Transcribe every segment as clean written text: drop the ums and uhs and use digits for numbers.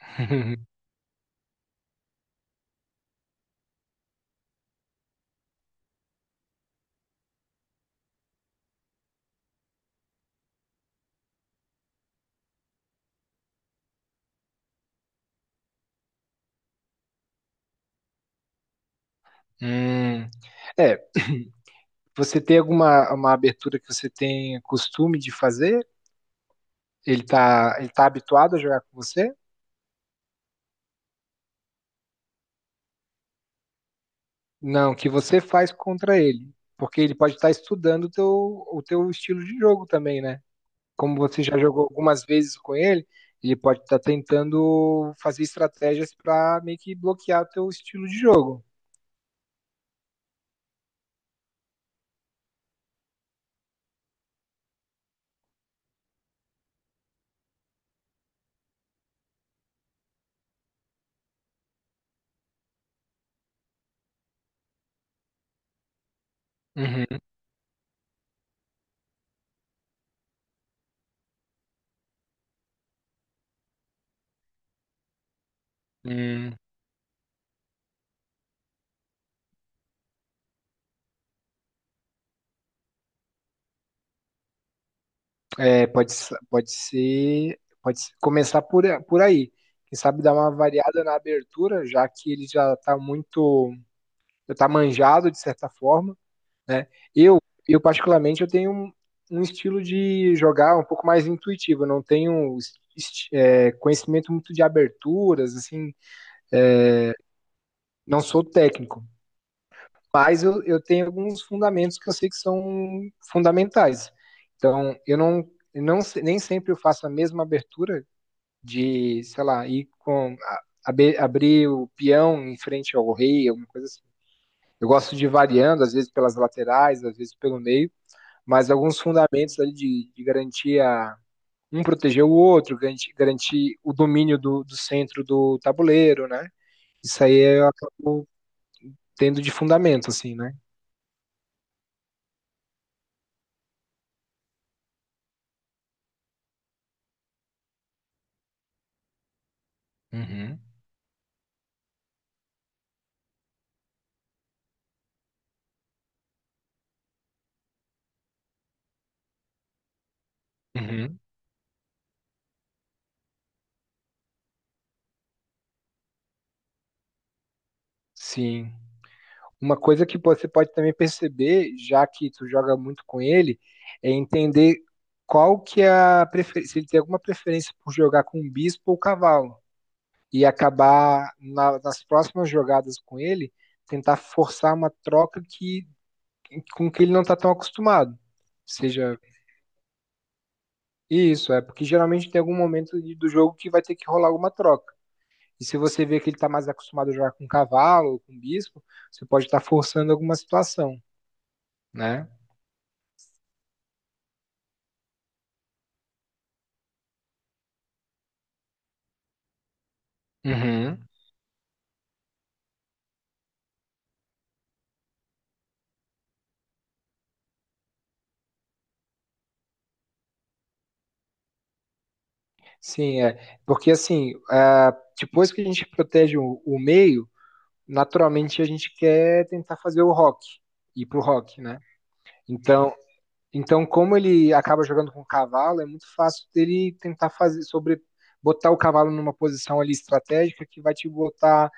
Hum. É, você tem alguma uma abertura que você tem costume de fazer? Ele tá habituado a jogar com você? Não, que você faz contra ele, porque ele pode estar estudando o teu estilo de jogo também, né? Como você já jogou algumas vezes com ele, ele pode estar tentando fazer estratégias para meio que bloquear o teu estilo de jogo. Uhum. É, pode, pode ser, pode se- começar por aí. Quem sabe dar uma variada na abertura, já que ele já está muito, já está manjado de certa forma, né? Eu, eu particularmente, eu tenho um estilo de jogar um pouco mais intuitivo. Eu não tenho conhecimento muito de aberturas, assim, não sou técnico, mas eu tenho alguns fundamentos que eu sei que são fundamentais. Então, eu nem sempre eu faço a mesma abertura de, sei lá, ir com abrir o peão em frente ao rei, alguma coisa assim. Eu gosto de ir variando, às vezes pelas laterais, às vezes pelo meio, mas alguns fundamentos ali de garantir um proteger o outro, garantir o domínio do, do centro do tabuleiro, né? Isso aí eu acabo tendo de fundamento, assim, né? Uhum, uhum, sim. Uma coisa que você pode também perceber, já que tu joga muito com ele, é entender qual que é a preferência, se ele tem alguma preferência por jogar com um bispo ou cavalo, e acabar nas próximas jogadas com ele, tentar forçar uma troca que com que ele não está tão acostumado. Seja isso, é porque geralmente tem algum momento do jogo que vai ter que rolar alguma troca. E se você vê que ele está mais acostumado a jogar com cavalo ou com bispo, você pode estar forçando alguma situação, né? Uhum. Sim, é. Porque assim, ah, depois que a gente protege o meio, naturalmente a gente quer tentar fazer o rock, ir pro rock, né? Então, então como ele acaba jogando com o cavalo, é muito fácil dele tentar fazer sobre botar o cavalo numa posição ali estratégica que vai te botar,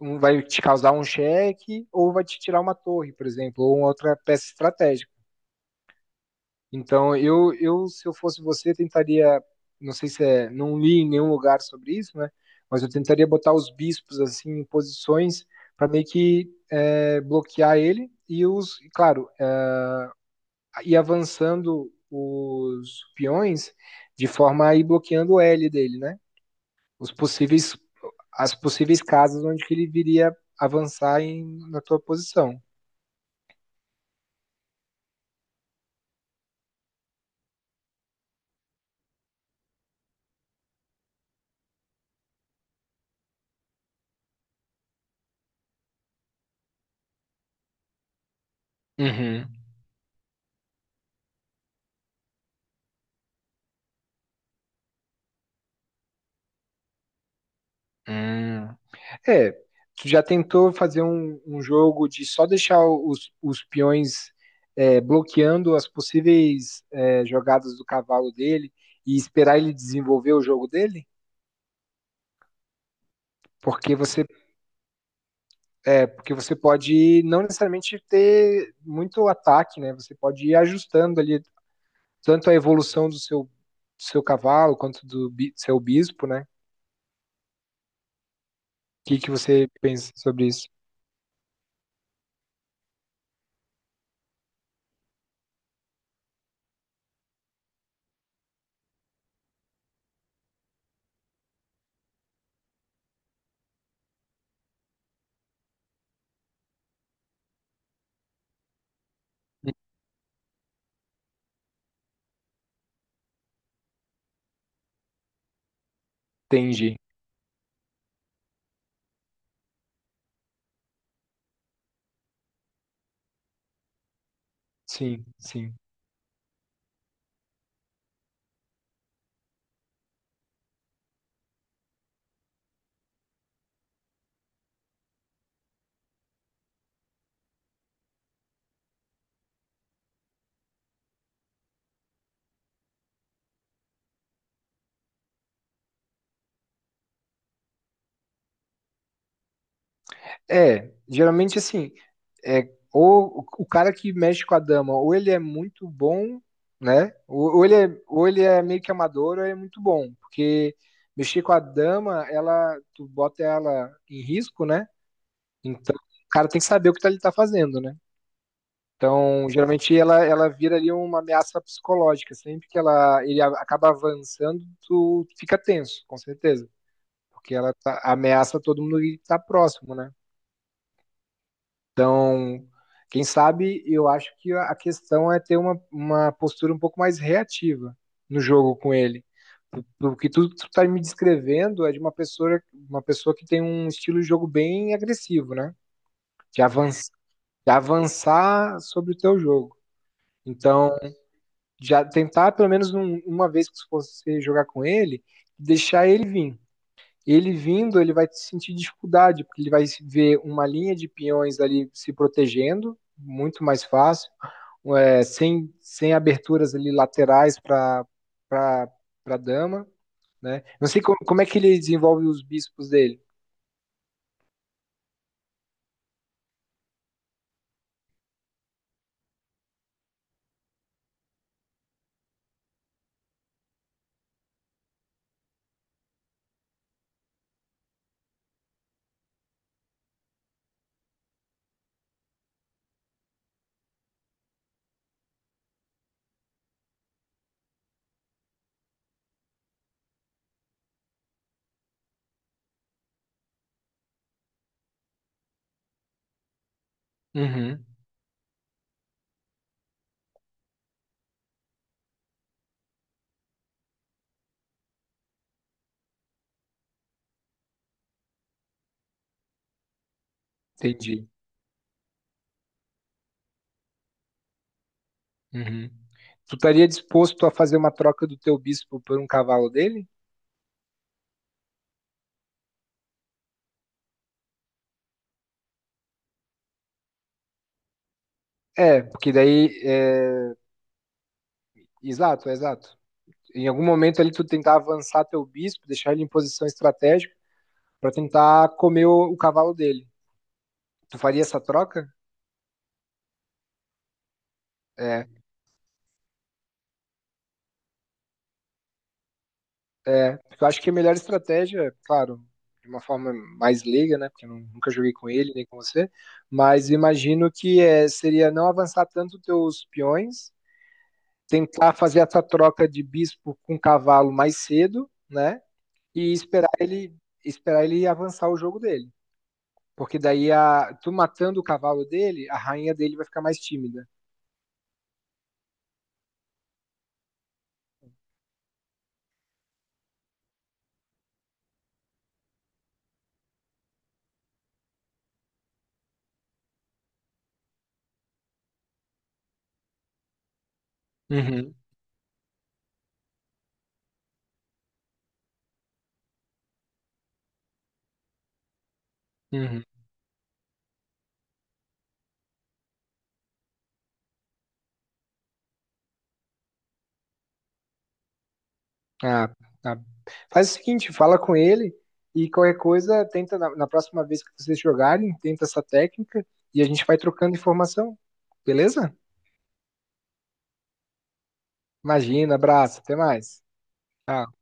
vai te causar um cheque ou vai te tirar uma torre, por exemplo, ou uma outra peça estratégica. Então, se eu fosse você, tentaria, não sei se é, não li em nenhum lugar sobre isso, né? Mas eu tentaria botar os bispos assim em posições para meio que é, bloquear ele e claro, é, ir avançando os peões de forma a ir bloqueando o L dele, né? Os possíveis, as possíveis casas onde que ele viria avançar em, na tua posição. Uhum. Hum. É, tu já tentou fazer um jogo de só deixar os peões é, bloqueando as possíveis é, jogadas do cavalo dele e esperar ele desenvolver o jogo dele? Porque você, é, porque você pode não necessariamente ter muito ataque, né? Você pode ir ajustando ali tanto a evolução do seu cavalo quanto do seu bispo, né? O que você pensa sobre isso? Entendi. Sim, sim. É, geralmente assim, é, ou o cara que mexe com a dama, ou ele é muito bom, né? Ou ele é meio que amador, ou ele é muito bom, porque mexer com a dama, ela, tu bota ela em risco, né? Então, o cara tem que saber o que ele tá fazendo, né? Então, geralmente ela, ela vira ali uma ameaça psicológica, sempre que ela ele acaba avançando, tu fica tenso, com certeza, porque ela ameaça todo mundo que tá próximo, né? Então, quem sabe, eu acho que a questão é ter uma postura um pouco mais reativa no jogo com ele. O que tu tá me descrevendo é de uma pessoa que tem um estilo de jogo bem agressivo, né? De avançar, de avançar sobre o teu jogo. Então, já tentar pelo menos uma vez que você jogar com ele, deixar ele vir ele vindo, ele vai sentir dificuldade, porque ele vai ver uma linha de peões ali se protegendo, muito mais fácil, é, sem, sem aberturas ali laterais para a dama. Né? Não sei como, como é que ele desenvolve os bispos dele. Uhum, entendi. Uhum. Tu estaria disposto a fazer uma troca do teu bispo por um cavalo dele? É, porque daí. É... Exato, é exato. Em algum momento ali tu tentar avançar teu bispo, deixar ele em posição estratégica para tentar comer o cavalo dele. Tu faria essa troca? É, é. Porque eu acho que a melhor estratégia, claro, de uma forma mais leiga, né? Porque eu nunca joguei com ele nem com você, mas imagino que é, seria não avançar tanto teus peões, tentar fazer essa troca de bispo com um cavalo mais cedo, né? E esperar ele avançar o jogo dele. Porque daí a, tu matando o cavalo dele, a rainha dele vai ficar mais tímida. Uhum, uhum. Ah, tá. Faz o seguinte, fala com ele e qualquer coisa, tenta na, na próxima vez que vocês jogarem, tenta essa técnica e a gente vai trocando informação, beleza? Imagina, abraço, até mais. Tchau.